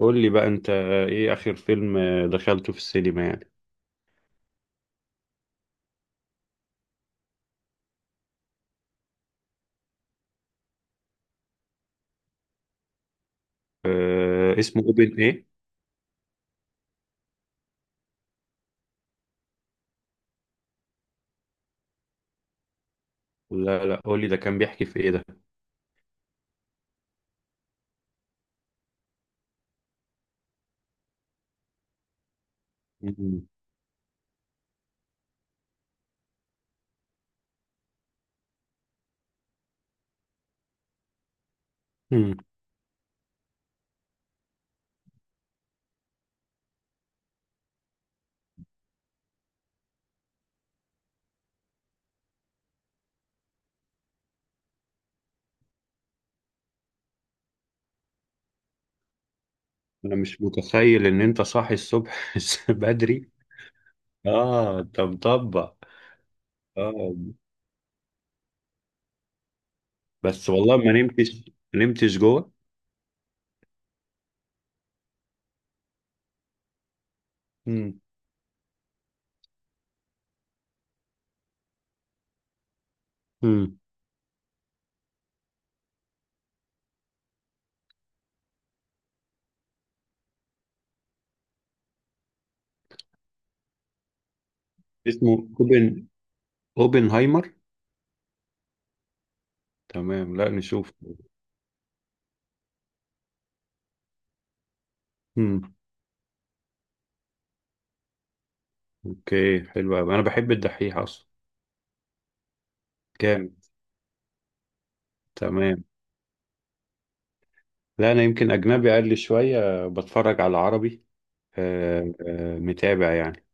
قول لي بقى انت، ايه اخر فيلم دخلته في السينما يعني؟ أه، اسمه اوبن ايه؟ لا لا، قول لي ده كان بيحكي في ايه ده؟ مم. مم. انا مش متخيل ان انت صاحي الصبح بدري. اه، انت مطبق. اه، بس والله ما نمتش جوه. مم. مم. اسمه اوبن اوبنهايمر. تمام، لا نشوف. مم. اوكي، حلو قوي. انا بحب الدحيح اصلا. كام؟ تمام. لا، انا يمكن اجنبي اقل شويه، بتفرج على عربي. متابع يعني.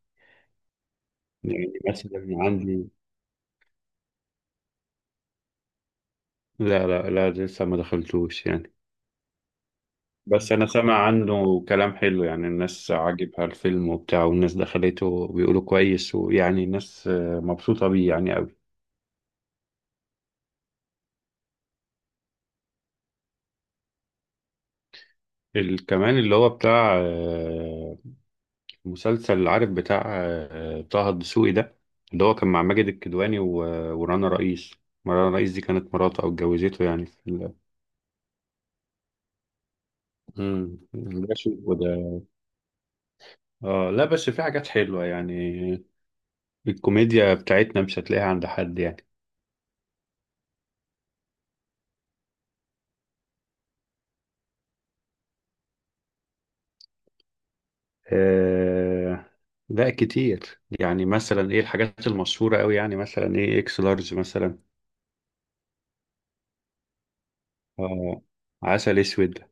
يعني مثلا عندي. لا لا لا، لسه ما دخلتوش يعني. بس أنا سامع عنه كلام حلو، يعني الناس عاجبها الفيلم وبتاع، والناس دخلته وبيقولوا كويس، ويعني الناس مبسوطة بيه يعني أوي. كمان اللي هو بتاع مسلسل، عارف بتاع طه الدسوقي ده، اللي هو كان مع ماجد الكدواني ورانا رئيس. ما رانا رئيس دي كانت مراته أو اتجوزته، يعني في مم. ده شيء. اه. لا، بس في حاجات حلوة يعني. الكوميديا بتاعتنا مش هتلاقيها عند حد يعني. آه لا، كتير. يعني مثلا ايه الحاجات المشهورة قوي، يعني مثلا ايه اكس لارج مثلا. اه. عسل اسود.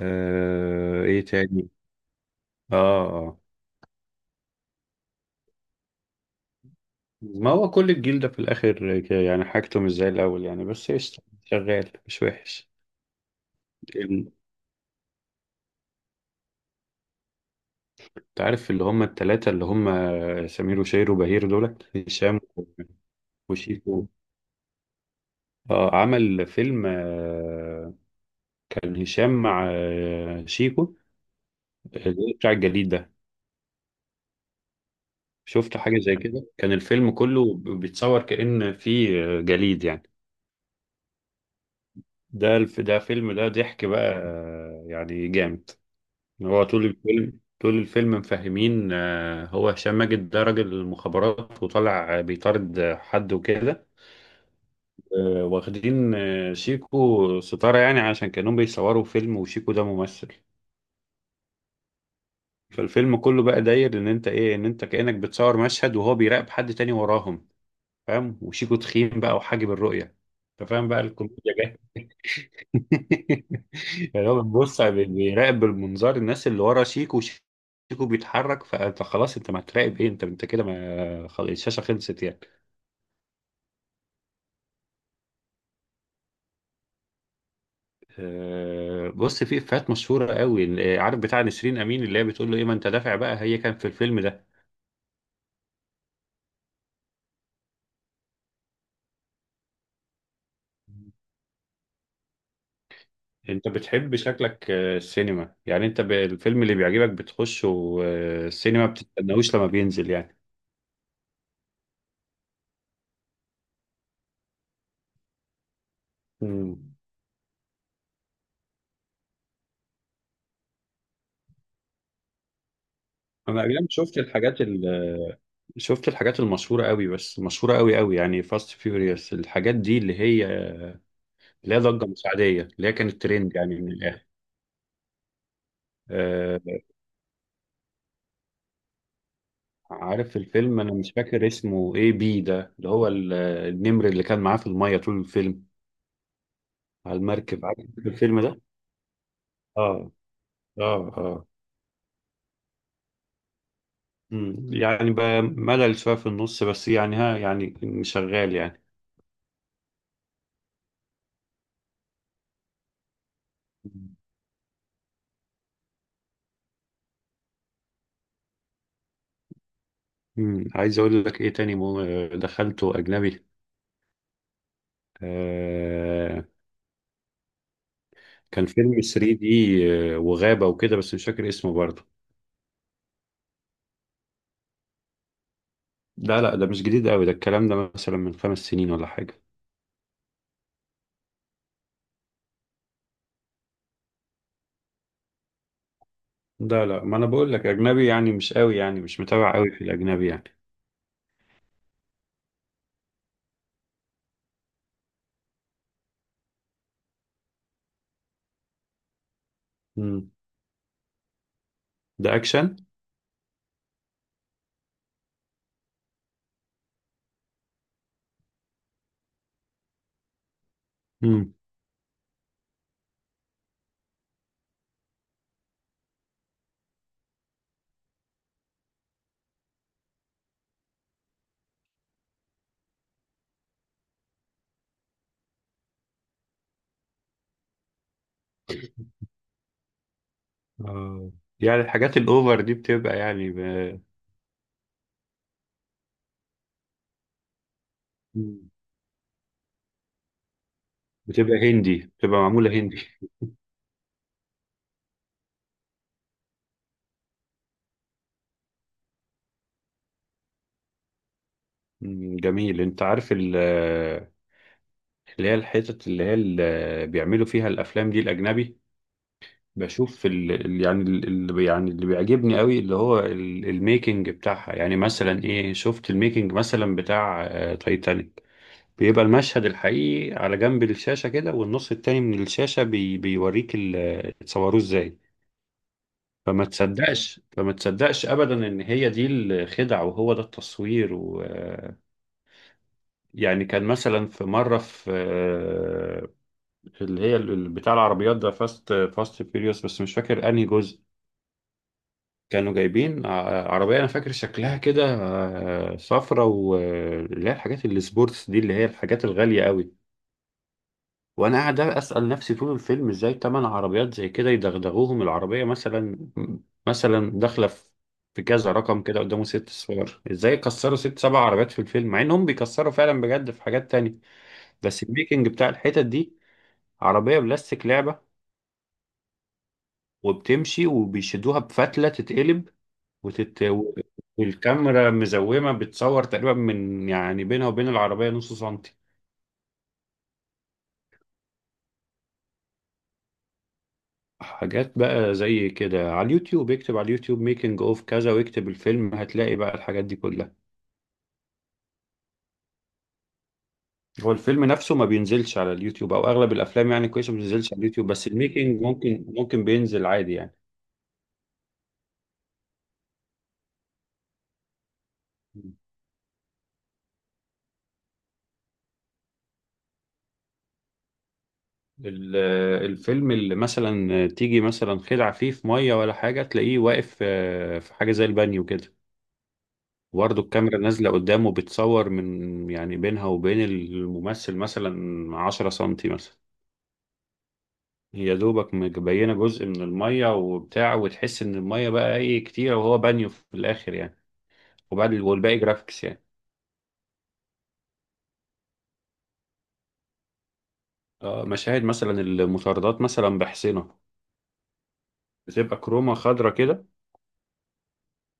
آه، ايه تاني؟ اه، اه. ما هو كل الجيل ده في الاخر يعني حاجته مش زي الاول يعني، بس قشطة شغال مش وحش. ال- انت عارف اللي هم التلاتة اللي هم سمير وشير وبهير، دول هشام وشيكو. اه، عمل فيلم. كان هشام مع شيكو، بتاع الجليد ده. شفت حاجة زي كده، كان الفيلم كله بيتصور كأن في جليد يعني. ده الف، ده فيلم، ده ضحك بقى، يعني جامد. هو طول الفيلم طول الفيلم مفهمين هو هشام ماجد ده راجل المخابرات، وطالع بيطارد حد وكده، واخدين شيكو ستارة يعني، عشان كانوا بيصوروا فيلم، وشيكو ده ممثل. فالفيلم كله بقى داير ان انت ايه، ان انت كأنك بتصور مشهد، وهو بيراقب حد تاني وراهم، فاهم؟ وشيكو تخين بقى وحاجب الرؤية. انت فاهم بقى الكوميديا جاية. يعني هو بيبص بيراقب بالمنظار الناس اللي ورا شيكو، شيكو بيتحرك، فانت خلاص، انت ما هتراقب ايه، انت كده، ما خلاص الشاشة خلصت يعني. بص، في افيهات مشهورة قوي، عارف بتاع نسرين امين اللي هي بتقول له ايه ما انت دافع بقى، هي كان في الفيلم ده. انت بتحب شكلك السينما يعني، انت الفيلم اللي بيعجبك بتخشه السينما، بتستناهوش لما بينزل يعني. مم. انا ايام شفت الحاجات شفت الحاجات المشهورة قوي، بس مشهورة قوي قوي، يعني فاست فيوريوس الحاجات دي، اللي هي اللي هي ضجة مش عادية، اللي هي كانت ترند يعني من الآخر. آه، عارف الفيلم، أنا مش فاكر اسمه، إيه بي ده اللي هو النمر اللي كان معاه في المية طول الفيلم، على المركب، عارف الفيلم ده؟ آه، آه، آه. مم. يعني بقى ملل شوية في النص، بس يعني ها يعني شغال يعني. مم. عايز أقول لك إيه تاني، دخلته أجنبي. آه كان فيلم 3D وغابة وكده، بس مش فاكر اسمه برضه. لا لا، ده مش جديد قوي، ده الكلام ده مثلا من 5 سنين ولا حاجة. لا لا، ما أنا بقول لك أجنبي، يعني مش قوي، يعني مش متابع قوي في الأجنبي يعني. مم. ده أكشن. مم. آه. يعني الحاجات الأوفر دي بتبقى يعني مم. بتبقى هندي، بتبقى معمولة هندي. مم، جميل. انت عارف اللي هي الحتت اللي هي اللي بيعملوا فيها الافلام دي الاجنبي، بشوف يعني اللي يعني اللي بيعجبني قوي اللي هو الميكنج بتاعها، يعني مثلا ايه، شفت الميكنج مثلا بتاع تايتانيك؟ بيبقى المشهد الحقيقي على جنب الشاشة كده، والنص التاني من الشاشة بيوريك اتصوروه ازاي. فما تصدقش ابدا ان هي دي الخدع وهو ده التصوير و آه، يعني كان مثلا في مرة، في في اللي هي بتاع العربيات ده فاست فيريوس، بس مش فاكر انهي جزء، كانوا جايبين عربية أنا فاكر شكلها كده صفرة، واللي هي الحاجات اللي سبورتس دي، اللي هي الحاجات الغالية قوي. وأنا قاعد أسأل نفسي طول الفيلم، إزاي تمن عربيات زي كده يدغدغوهم العربية مثلا، مثلا داخلة في كذا رقم كده قدامه ست صور، إزاي يكسروا ست سبع عربيات في الفيلم، مع إنهم بيكسروا فعلا بجد في حاجات تانية. بس الميكنج بتاع الحتت دي، عربية بلاستيك لعبة، وبتمشي، وبيشدوها بفتلة تتقلب وتت... والكاميرا مزومة بتصور تقريبا من يعني بينها وبين العربية نص سنتي. حاجات بقى زي كده على اليوتيوب، اكتب على اليوتيوب ميكنج اوف كذا واكتب الفيلم، هتلاقي بقى الحاجات دي كلها. هو الفيلم نفسه ما بينزلش على اليوتيوب، او اغلب الافلام يعني كويسة ما بتنزلش على اليوتيوب، بس الميكنج ممكن بينزل عادي يعني. ال- الفيلم اللي مثلا تيجي مثلا خدعة فيه في مية ولا حاجة، تلاقيه واقف في حاجة زي البانيو كده، وبرضه الكاميرا نازلة قدامه بتصور من يعني بينها وبين الممثل مثلا 10 سنتي مثلا، هي دوبك مبينة جزء من المية وبتاع، وتحس إن المية بقى إيه كتير، وهو بانيو في الآخر يعني، والباقي جرافيكس يعني. مشاهد مثلا المطاردات مثلا بحسنة، بتبقى كرومة خضرة كده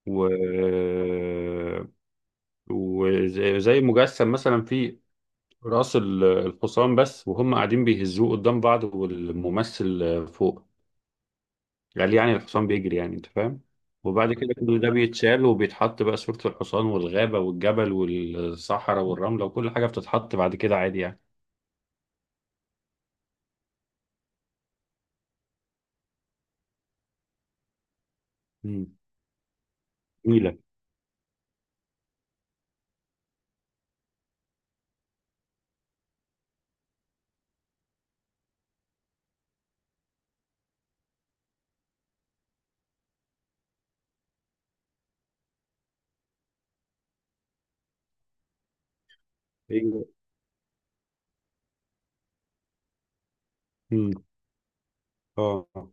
و... وزي زي مجسم مثلا في رأس الحصان بس، وهم قاعدين بيهزوه قدام بعض والممثل فوق، قال يعني الحصان بيجري، يعني انت فاهم. وبعد كده كل ده بيتشال، وبيتحط بقى صورة الحصان والغابة والجبل والصحراء والرملة، وكل حاجة بتتحط بعد كده عادي يعني. مم. جميلة. ايوه. مم. اه.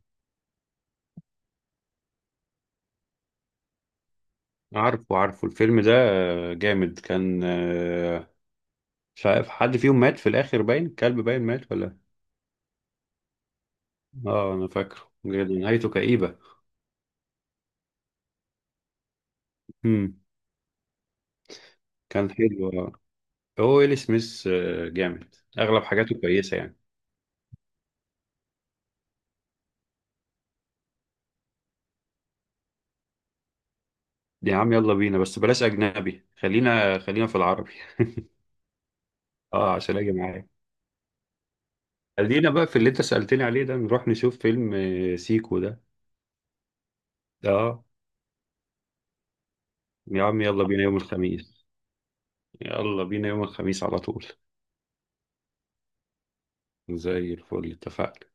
عارفه الفيلم ده، جامد كان. مش عارف حد فيهم مات في الآخر، باين كلب باين مات ولا. اه، انا فاكره بجد، نهايته كئيبة. مم. كان حلو. هو ويل سميث جامد، اغلب حاجاته كويسه يعني. يا عم، يلا بينا، بس بلاش اجنبي، خلينا في العربي. اه، عشان اجي معاك. خلينا بقى في اللي انت سالتني عليه ده، نروح نشوف فيلم سيكو ده. اه. يا عم يلا بينا يوم الخميس، يلا بينا يوم الخميس على طول. زي الفل، اتفقنا.